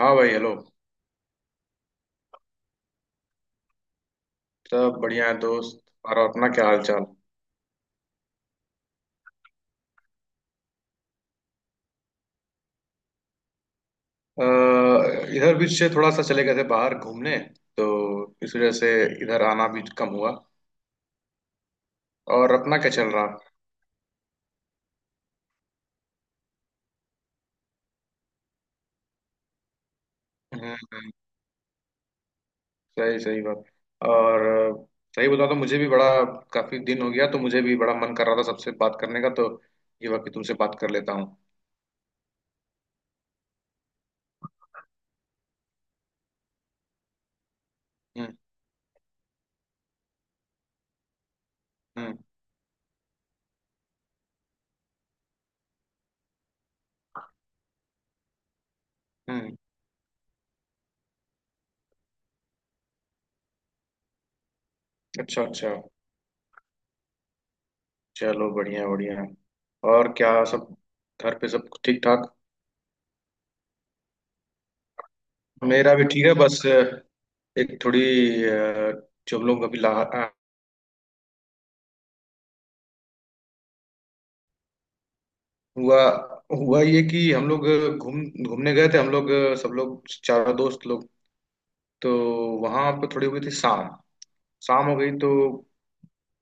हाँ भाई हेलो। सब बढ़िया है दोस्त। और अपना क्या हाल चाल? इधर बीच से थोड़ा सा चले गए थे बाहर घूमने, तो इस वजह से इधर आना भी कम हुआ। और अपना क्या चल रहा? हम्म। हम्म। सही सही बात। और सही बता, तो मुझे भी बड़ा, काफी दिन हो गया, तो मुझे भी बड़ा मन कर रहा था सबसे बात करने का, तो ये वक्त तुमसे बात कर लेता हूँ। हम्म। हम्म। हम्म। अच्छा अच्छा। चलो बढ़िया बढ़िया। और क्या सब घर पे सब ठीक ठाक? मेरा भी ठीक है, बस एक थोड़ी अ, जो हम लोग अभी हुआ हुआ ये कि हम लोग घूम घूमने गए थे हम लोग, सब लोग चारों दोस्त लोग। तो वहां पे थोड़ी हुई थी शाम, शाम हो गई तो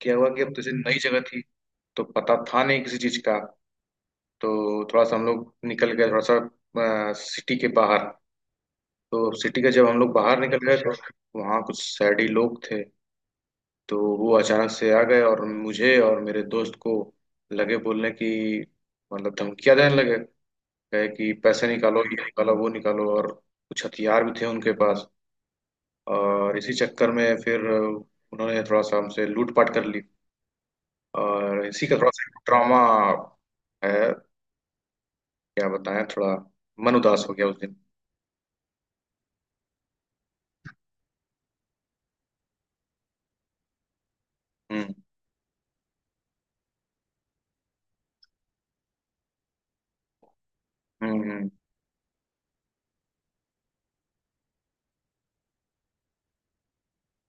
क्या हुआ कि अब जैसे नई जगह थी, तो पता था नहीं किसी चीज का, तो थोड़ा सा हम लोग निकल गए थोड़ा सा सिटी के बाहर। तो सिटी के जब हम लोग बाहर निकल गए तो वहाँ कुछ शहरी लोग थे। तो वो अचानक से आ गए और मुझे और मेरे दोस्त को लगे बोलने की, मतलब धमकियां देने लगे। कहे कि पैसे निकालो, ये निकालो, वो निकालो। और कुछ हथियार भी थे उनके पास, और इसी चक्कर में फिर उन्होंने थोड़ा सा हमसे लूटपाट कर ली। और इसी का थोड़ा सा ट्रॉमा है। क्या बताएं, थोड़ा मन उदास हो गया उस दिन। हम्म। हम्म। हम्म।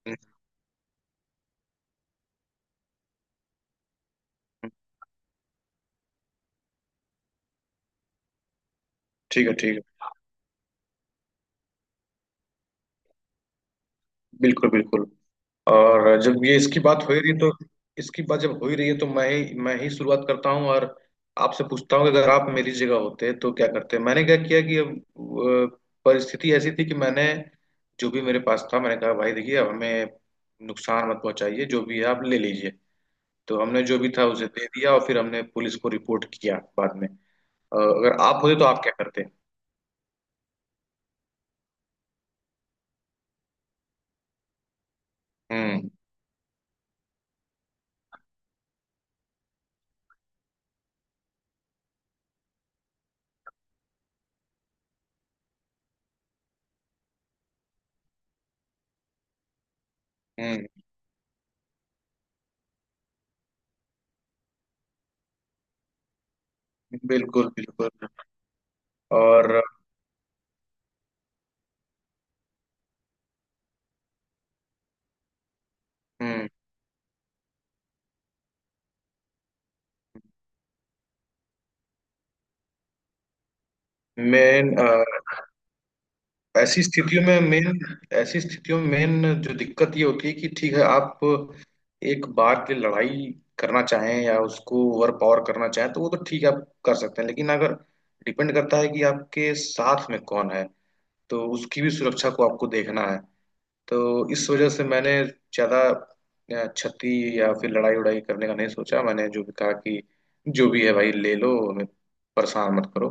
हम्म। हम्म। ठीक है ठीक है। बिल्कुल बिल्कुल। और जब ये इसकी बात हो ही रही तो इसकी बात जब हो ही रही है, तो मैं ही शुरुआत करता हूँ और आपसे पूछता हूँ कि अगर आप मेरी जगह होते तो क्या करते। मैंने क्या किया कि अब परिस्थिति ऐसी थी कि मैंने, जो भी मेरे पास था मैंने कहा भाई देखिए अब हमें नुकसान मत पहुंचाइए, जो भी है आप ले लीजिए। तो हमने जो भी था उसे दे दिया और फिर हमने पुलिस को रिपोर्ट किया बाद में। अगर आप होते तो आप क्या करते? हम्म। हम्म। बिल्कुल बिल्कुल। और। हम्म। मेन ऐसी स्थितियों में मेन ऐसी स्थितियों में मेन जो दिक्कत ये होती है कि ठीक है आप एक बार के लिए लड़ाई करना चाहें या उसको ओवर पावर करना चाहें तो वो तो ठीक है, आप कर सकते हैं। लेकिन अगर डिपेंड करता है कि आपके साथ में कौन है तो उसकी भी सुरक्षा को आपको देखना है। तो इस वजह से मैंने ज्यादा क्षति या फिर लड़ाई उड़ाई करने का नहीं सोचा। मैंने जो भी कहा कि जो भी है भाई ले लो, हमें परेशान मत करो।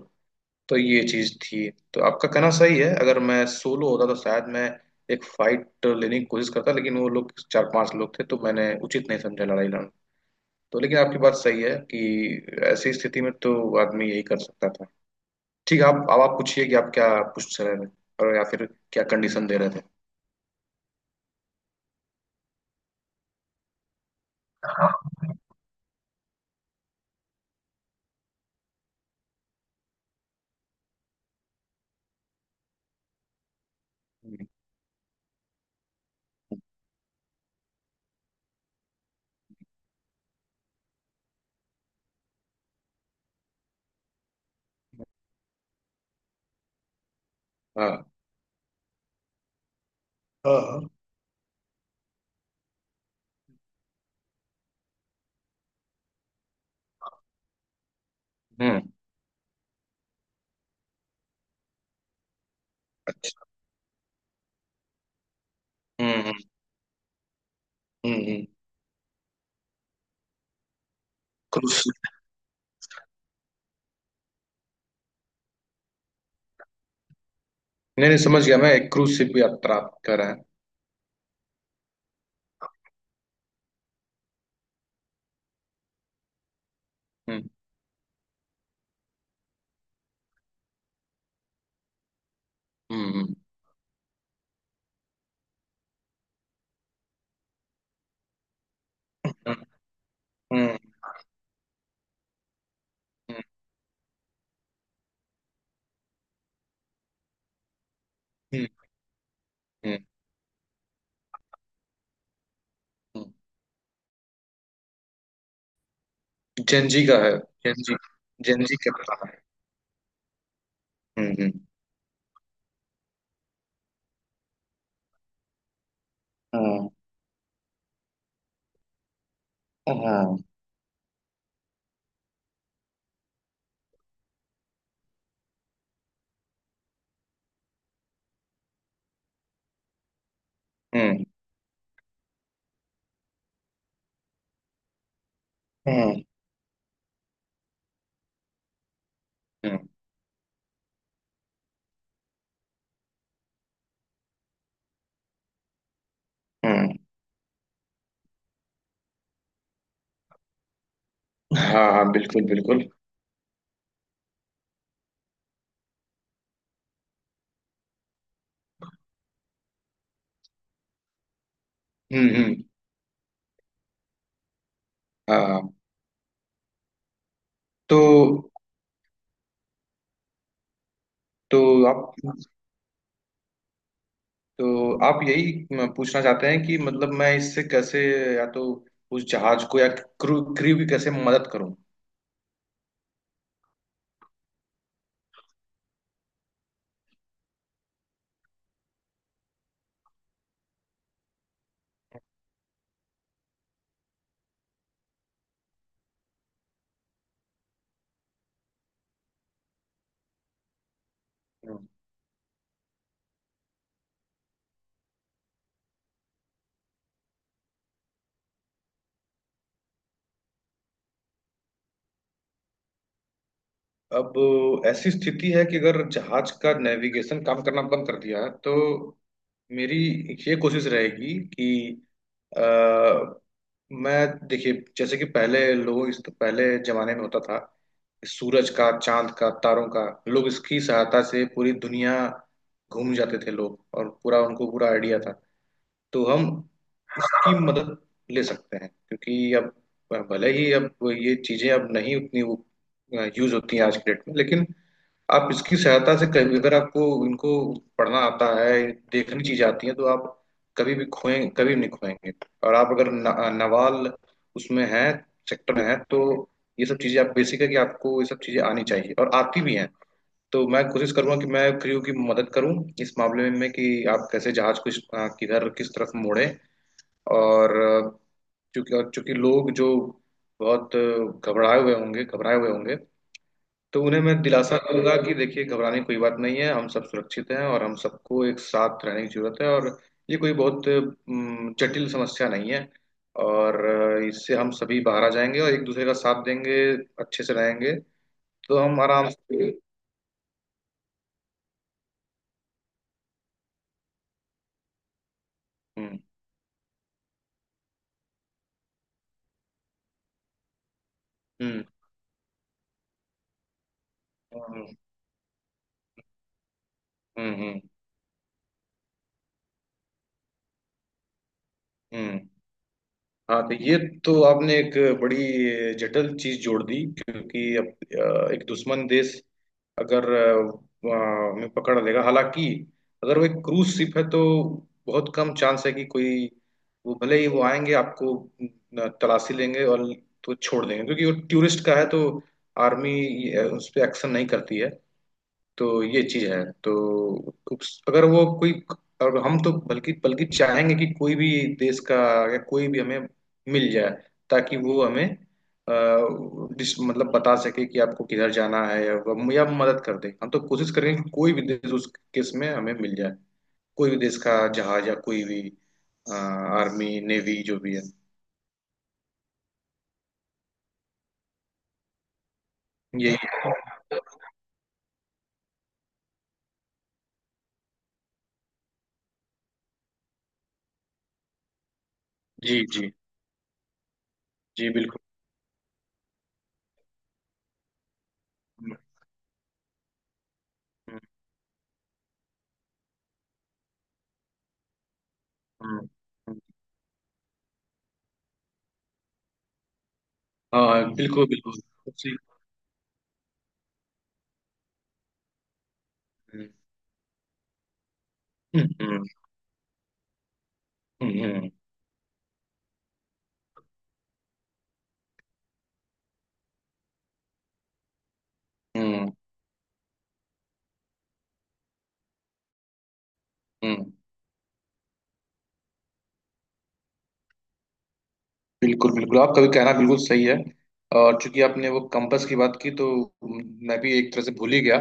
तो ये चीज थी। तो आपका कहना सही है। अगर मैं सोलो होता तो शायद मैं एक फाइट लेने की कोशिश करता, लेकिन वो लोग चार पांच लोग थे तो मैंने उचित नहीं समझा लड़ाई लड़ना। तो लेकिन आपकी बात सही है कि ऐसी स्थिति में तो आदमी यही कर सकता था। ठीक है, आप अब आप पूछिए कि आप क्या पूछ रहे थे और या फिर क्या कंडीशन दे रहे थे। हम्म। हाँ हाँ हाँ। हम्म। अच्छा। हम्म। हम्म। हम्म। हम्म। Cruise ship. नहीं नहीं, समझ गया मैं, एक क्रूज शिप यात्रा आप कह रहे हैं। हम्म। हम्म। हम्म। हम्म। हम्म। हम्म। हम्म। हम्म। जेनजी का है। जेनजी। जेनजी का पता है। हम्म। हम्म। हाँ हाँ। हम्म। हाँ। हम्म। हाँ हाँ हाँ बिल्कुल बिल्कुल। हम्म। हम्म। हाँ हाँ। तो तो आप आप यही पूछना चाहते हैं कि मतलब मैं इससे कैसे, या तो उस जहाज को या क्रू क्रू की कैसे मदद करूं? अब ऐसी स्थिति है कि अगर जहाज का नेविगेशन काम करना बंद कर दिया तो मेरी ये कोशिश रहेगी कि अ, मैं, देखिए जैसे कि पहले लोग, इस पहले जमाने में होता था, सूरज का, चांद का, तारों का, लोग इसकी सहायता से पूरी दुनिया घूम जाते थे लोग, और पूरा उनको पूरा आइडिया था। तो हम उसकी मदद ले सकते हैं, क्योंकि अब भले ही अब ये चीजें अब नहीं उतनी यूज होती हैं आज के डेट में, लेकिन आप इसकी सहायता से, कभी अगर आपको इनको पढ़ना आता है, देखनी चीजें आती हैं तो आप कभी भी खोएं, कभी भी नहीं खोएंगे। और आप अगर न, नवाल उसमें हैं, सेक्टर में हैं, तो ये सब चीजें, आप बेसिक है कि आपको ये सब चीजें आनी चाहिए और आती भी हैं। तो मैं कोशिश करूंगा कि मैं क्रू की मदद करूं इस मामले में कि आप कैसे जहाज को किधर किस तरफ मोड़ें। और चूंकि लोग जो बहुत घबराए हुए होंगे, तो उन्हें मैं दिलासा दूंगा कि देखिए घबराने की कोई बात नहीं है, हम सब सुरक्षित हैं और हम सबको एक साथ रहने की जरूरत है। और ये कोई बहुत जटिल समस्या नहीं है। और इससे हम सभी बाहर आ जाएंगे और एक दूसरे का साथ देंगे, अच्छे से रहेंगे। तो हम आराम से। हम्म। हम्म। हम्म। हम्म। हम्म। हम्म। हाँ तो ये। तो आपने एक बड़ी जटिल चीज जोड़ दी, क्योंकि अब एक दुश्मन देश, अगर वहाँ में पकड़ लेगा, हालांकि अगर वो एक क्रूज शिप है तो बहुत कम चांस है कि कोई, वो भले ही वो आएंगे, आपको न, तलाशी लेंगे और तो छोड़ देंगे क्योंकि वो टूरिस्ट का है, तो आर्मी उस पर एक्शन नहीं करती है। तो ये चीज है। तो अगर वो कोई, और हम तो बल्कि बल्कि चाहेंगे कि कोई भी देश का या कोई भी हमें मिल जाए, ताकि वो हमें अ, मतलब बता सके कि आपको किधर जाना है, या या मदद कर दे। हम तो कोशिश करेंगे कि कोई भी देश उस केस में हमें मिल जाए, कोई भी देश का जहाज या कोई भी आर्मी नेवी जो भी है, यही है। जी जी। जी बिल्कुल। हम्म। हम्म। हम्म। हाँ बिल्कुल बिल्कुल। उसी- हम्म। हम्म। हम्म। हम्म। हम्म। हम्म। बिल्कुल बिल्कुल आपका भी कहना बिल्कुल सही है। और चूंकि आपने वो कंपास की बात की तो मैं भी एक तरह से भूल ही गया।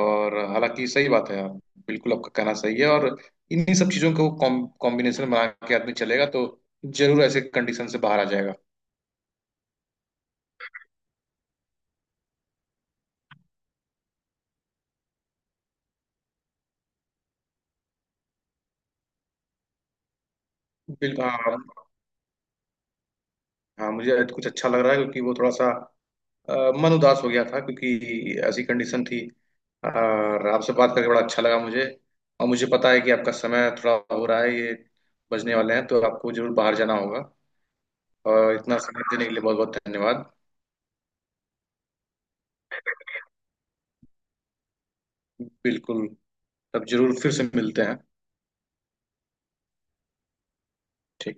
और हालांकि सही बात है। आप, बिल्कुल आपका कहना सही है। और इन्हीं सब चीजों को कॉम्बिनेशन बना के आदमी चलेगा तो जरूर ऐसे कंडीशन से बाहर आ जाएगा। बिल्कुल हाँ। हाँ मुझे आज कुछ अच्छा लग रहा है, क्योंकि वो थोड़ा सा अ, मन उदास हो गया था क्योंकि ऐसी कंडीशन थी। और आपसे बात करके बड़ा अच्छा लगा मुझे। और मुझे पता है कि आपका समय थोड़ा हो रहा है, ये बजने वाले हैं तो आपको जरूर बाहर जाना होगा। और इतना समय देने के लिए बहुत बहुत धन्यवाद। बिल्कुल। तब जरूर फिर से मिलते हैं। ठीक।